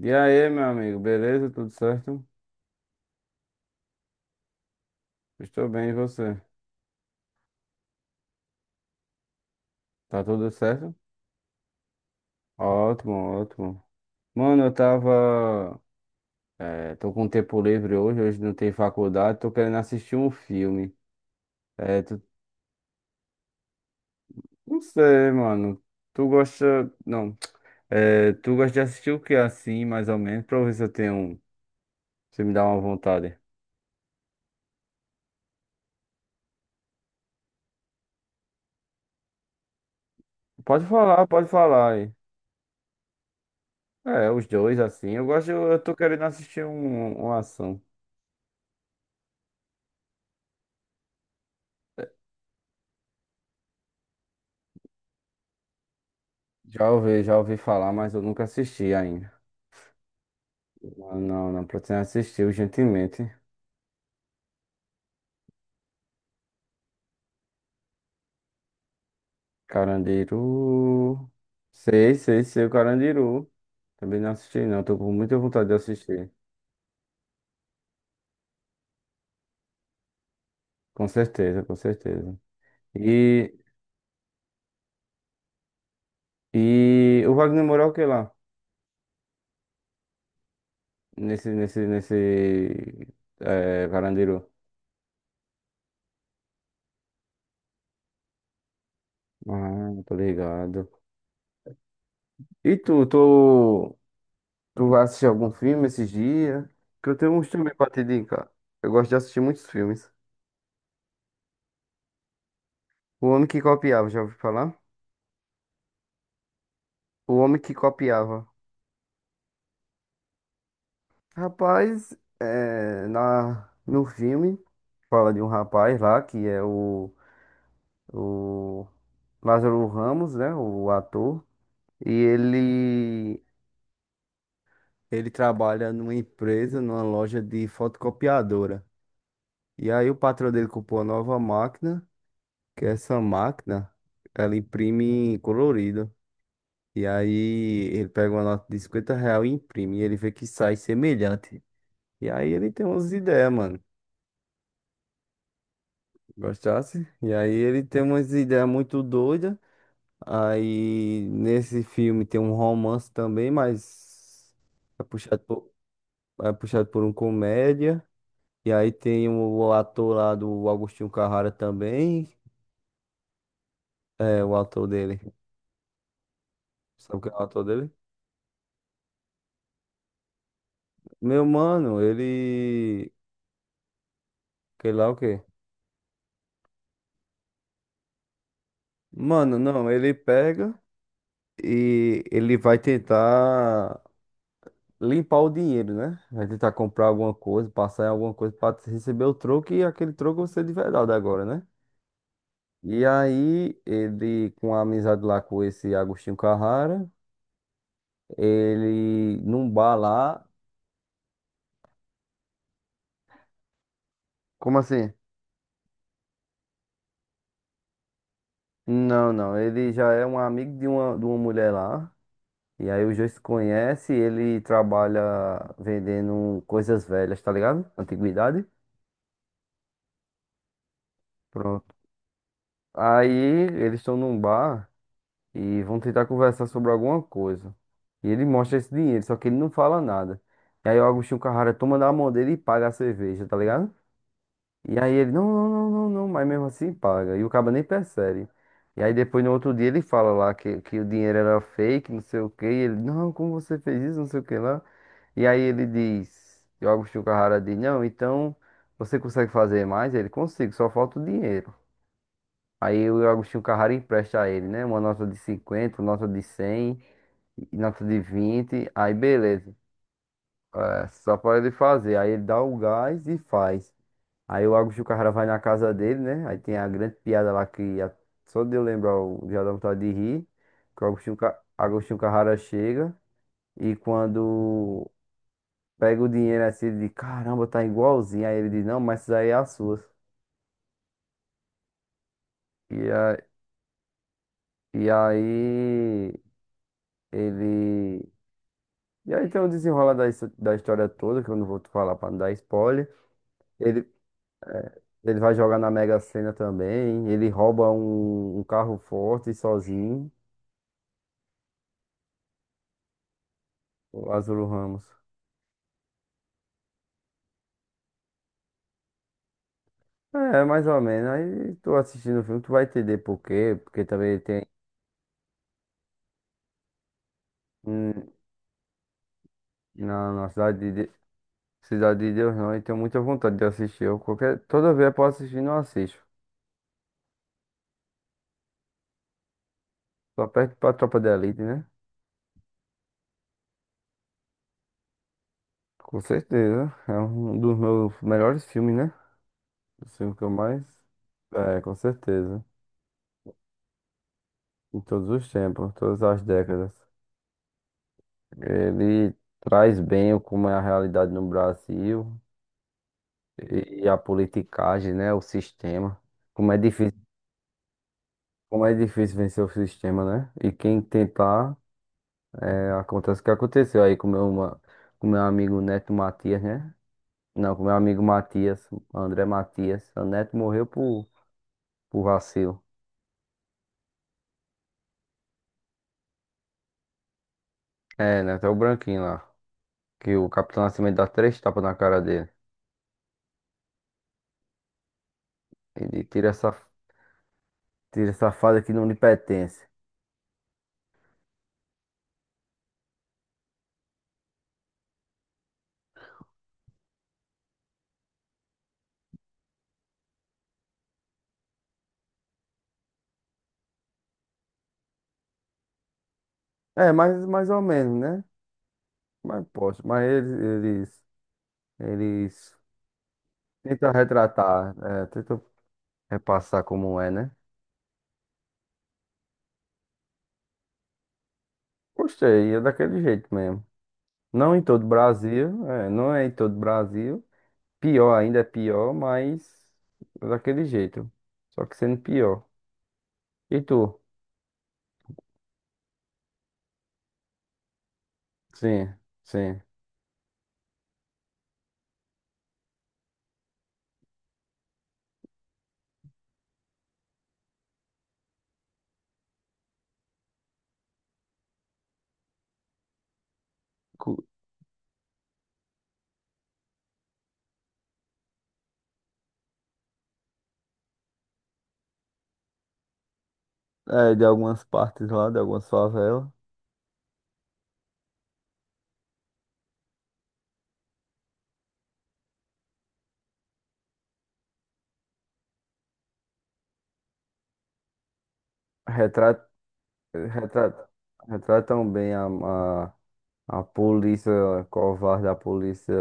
E aí, meu amigo, beleza? Tudo certo? Estou bem, e você? Tá tudo certo? Ótimo, ótimo. Mano, tô com tempo livre hoje, hoje não tem faculdade, tô querendo assistir um filme. é tu- Não sei, mano. Tu gosta. Não. Tu gosta de assistir o que assim, mais ou menos, pra eu ver se eu tenho. Se me dá uma vontade. Pode falar aí. É, os dois assim. Eu gosto, eu tô querendo assistir uma ação. Já ouvi falar, mas eu nunca assisti ainda. Não, não não pretendo assistir urgentemente. Carandiru. Sei, sei, sei o Carandiru. Também não assisti, não. Tô com muita vontade de assistir. Com certeza, com certeza. E, e o Wagner Moura é o que lá? Nesse. É, Carandiru. Ah, tô ligado. E tu vai assistir algum filme esses dias? Que eu tenho uns também pra te indicar. Eu gosto de assistir muitos filmes. O Homem que Copiava, já ouviu falar? O Homem que Copiava. Rapaz, é, no filme fala de um rapaz lá que é o Lázaro Ramos, né? O ator. E ele trabalha numa empresa, numa loja de fotocopiadora. E aí o patrão dele comprou uma nova máquina, que é essa máquina, ela imprime colorido. E aí ele pega uma nota de R$ 50 e imprime. E ele vê que sai semelhante. E aí ele tem umas ideias, mano. Gostasse? E aí ele tem umas ideias muito doidas. Aí nesse filme tem um romance também, mas é puxado por, é puxado por um comédia. E aí tem o ator lá do Agostinho Carrara também. É o ator dele. Sabe quem é o ator dele? Meu mano, ele. Sei lá o quê? Mano, não, ele pega e ele vai tentar limpar o dinheiro, né? Vai tentar comprar alguma coisa, passar em alguma coisa para receber o troco e aquele troco você de verdade agora, né? E aí, ele, com a amizade lá com esse Agostinho Carrara, ele num bar lá. Como assim? Não, não, ele já é um amigo de uma mulher lá. E aí os dois se conhecem, ele trabalha vendendo coisas velhas, tá ligado? Antiguidade. Pronto. Aí eles estão num bar e vão tentar conversar sobre alguma coisa. E ele mostra esse dinheiro, só que ele não fala nada. E aí o Agostinho Carrara toma na mão dele e paga a cerveja, tá ligado? E aí ele, não, não, não, não, não, mas mesmo assim paga. E o cara nem percebe. E aí depois no outro dia ele fala lá que o dinheiro era fake, não sei o quê. E ele, não, como você fez isso, não sei o que lá. E aí ele diz, e o Agostinho Carrara diz, não, então você consegue fazer mais? Ele, consigo, só falta o dinheiro. Aí o Agostinho Carrara empresta a ele, né? Uma nota de 50, nota de 100, e nota de 20, aí beleza. É, só pra ele fazer. Aí ele dá o gás e faz. Aí o Agostinho Carrara vai na casa dele, né? Aí tem a grande piada lá que só de eu lembrar eu já dá vontade de rir. Que o Agostinho Carrara chega e quando pega o dinheiro assim, ele diz: caramba, tá igualzinho. Aí ele diz: não, mas isso aí é as suas. E, a- e aí ele. E aí tem o desenrola da história toda, que eu não vou te falar pra não dar spoiler. Ele, ele vai jogar na Mega Sena também. Ele rouba um carro forte sozinho, o Lázaro Ramos. É, mais ou menos. Aí tu assistindo o filme, tu vai entender por quê. Porque também tem hum, na, na cidade de, De- Cidade de Deus, não. E tenho muita vontade de assistir. Eu, qualquer, toda vez eu posso assistir, não assisto. Só perto pra Tropa de Elite, né? Com certeza. É um dos meus melhores filmes, né? O filme que eu mais. É, com certeza. Em todos os tempos, todas as décadas. Ele traz bem o como é a realidade no Brasil e a politicagem, né? O sistema. Como é difícil, como é difícil vencer o sistema, né? E quem tentar, é, acontece o que aconteceu aí com com meu amigo Neto Matias, né? Não, com meu amigo Matias, André Matias. O Neto morreu por vacilo. É, Neto é o branquinho lá. Que o Capitão Nascimento dá três tapas na cara dele. Ele tira essa fase que não lhe pertence. É, mais ou menos, né? Mas posso. Mas eles, tentam retratar, é, tentam repassar como é, né? Gostei, é daquele jeito mesmo. Não em todo o Brasil, é, não é em todo o Brasil. Pior ainda é pior, mas é daquele jeito. Só que sendo pior. E tu? Sim, sim. Cu- É, de algumas partes lá, de algumas favelas. Retrata Retratam, retratam, bem a, a polícia covarde, a polícia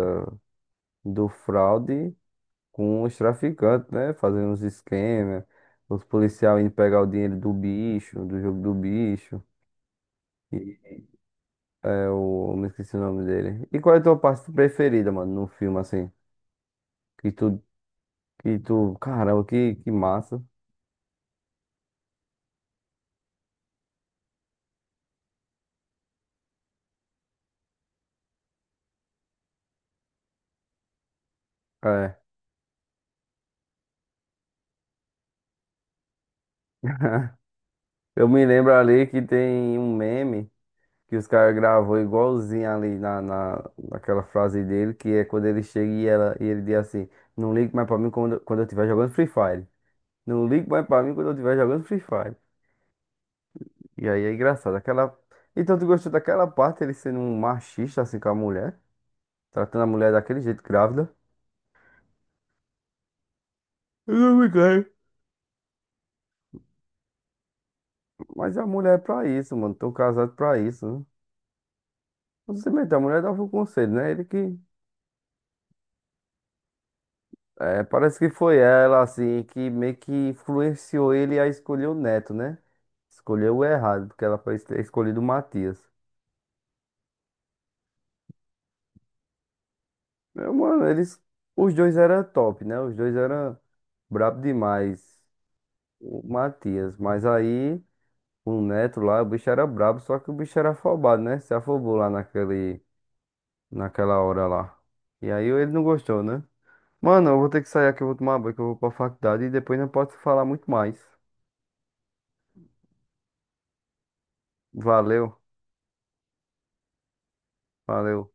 do fraude com os traficantes, né? Fazendo uns esquemas, os policiais indo pegar o dinheiro do bicho, do jogo do bicho. E é o. Me esqueci o nome dele. E qual é a tua parte preferida, mano, no filme, assim? Que tu. Que tu. Caramba, que massa. É. Eu me lembro ali que tem um meme. Que os caras gravou igualzinho ali naquela frase dele, que é quando ele chega e, ela, e ele diz assim, não ligue mais pra mim quando eu estiver jogando Free Fire. Não ligue mais pra mim quando eu estiver jogando Free Fire. E aí é engraçado. Aquela... Então tu gostou daquela parte, ele sendo um machista assim com a mulher, tratando a mulher daquele jeito grávida. Eu não me caio. Mas a mulher é pra isso, mano. Tô casado pra isso, né? Não se mete, a mulher dava o conselho, né? Ele que. É, parece que foi ela, assim, que meio que influenciou ele a escolher o Neto, né? Escolheu o errado, porque ela foi ter escolhido o Matias. Meu, mano, eles. Os dois eram top, né? Os dois eram brabo demais. O Matias. Mas aí, o Neto lá, o bicho era brabo, só que o bicho era afobado, né? Se afobou lá naquele, naquela hora lá. E aí ele não gostou, né? Mano, eu vou ter que sair aqui, eu vou tomar banho, que eu vou pra faculdade e depois não posso falar muito mais. Valeu, valeu.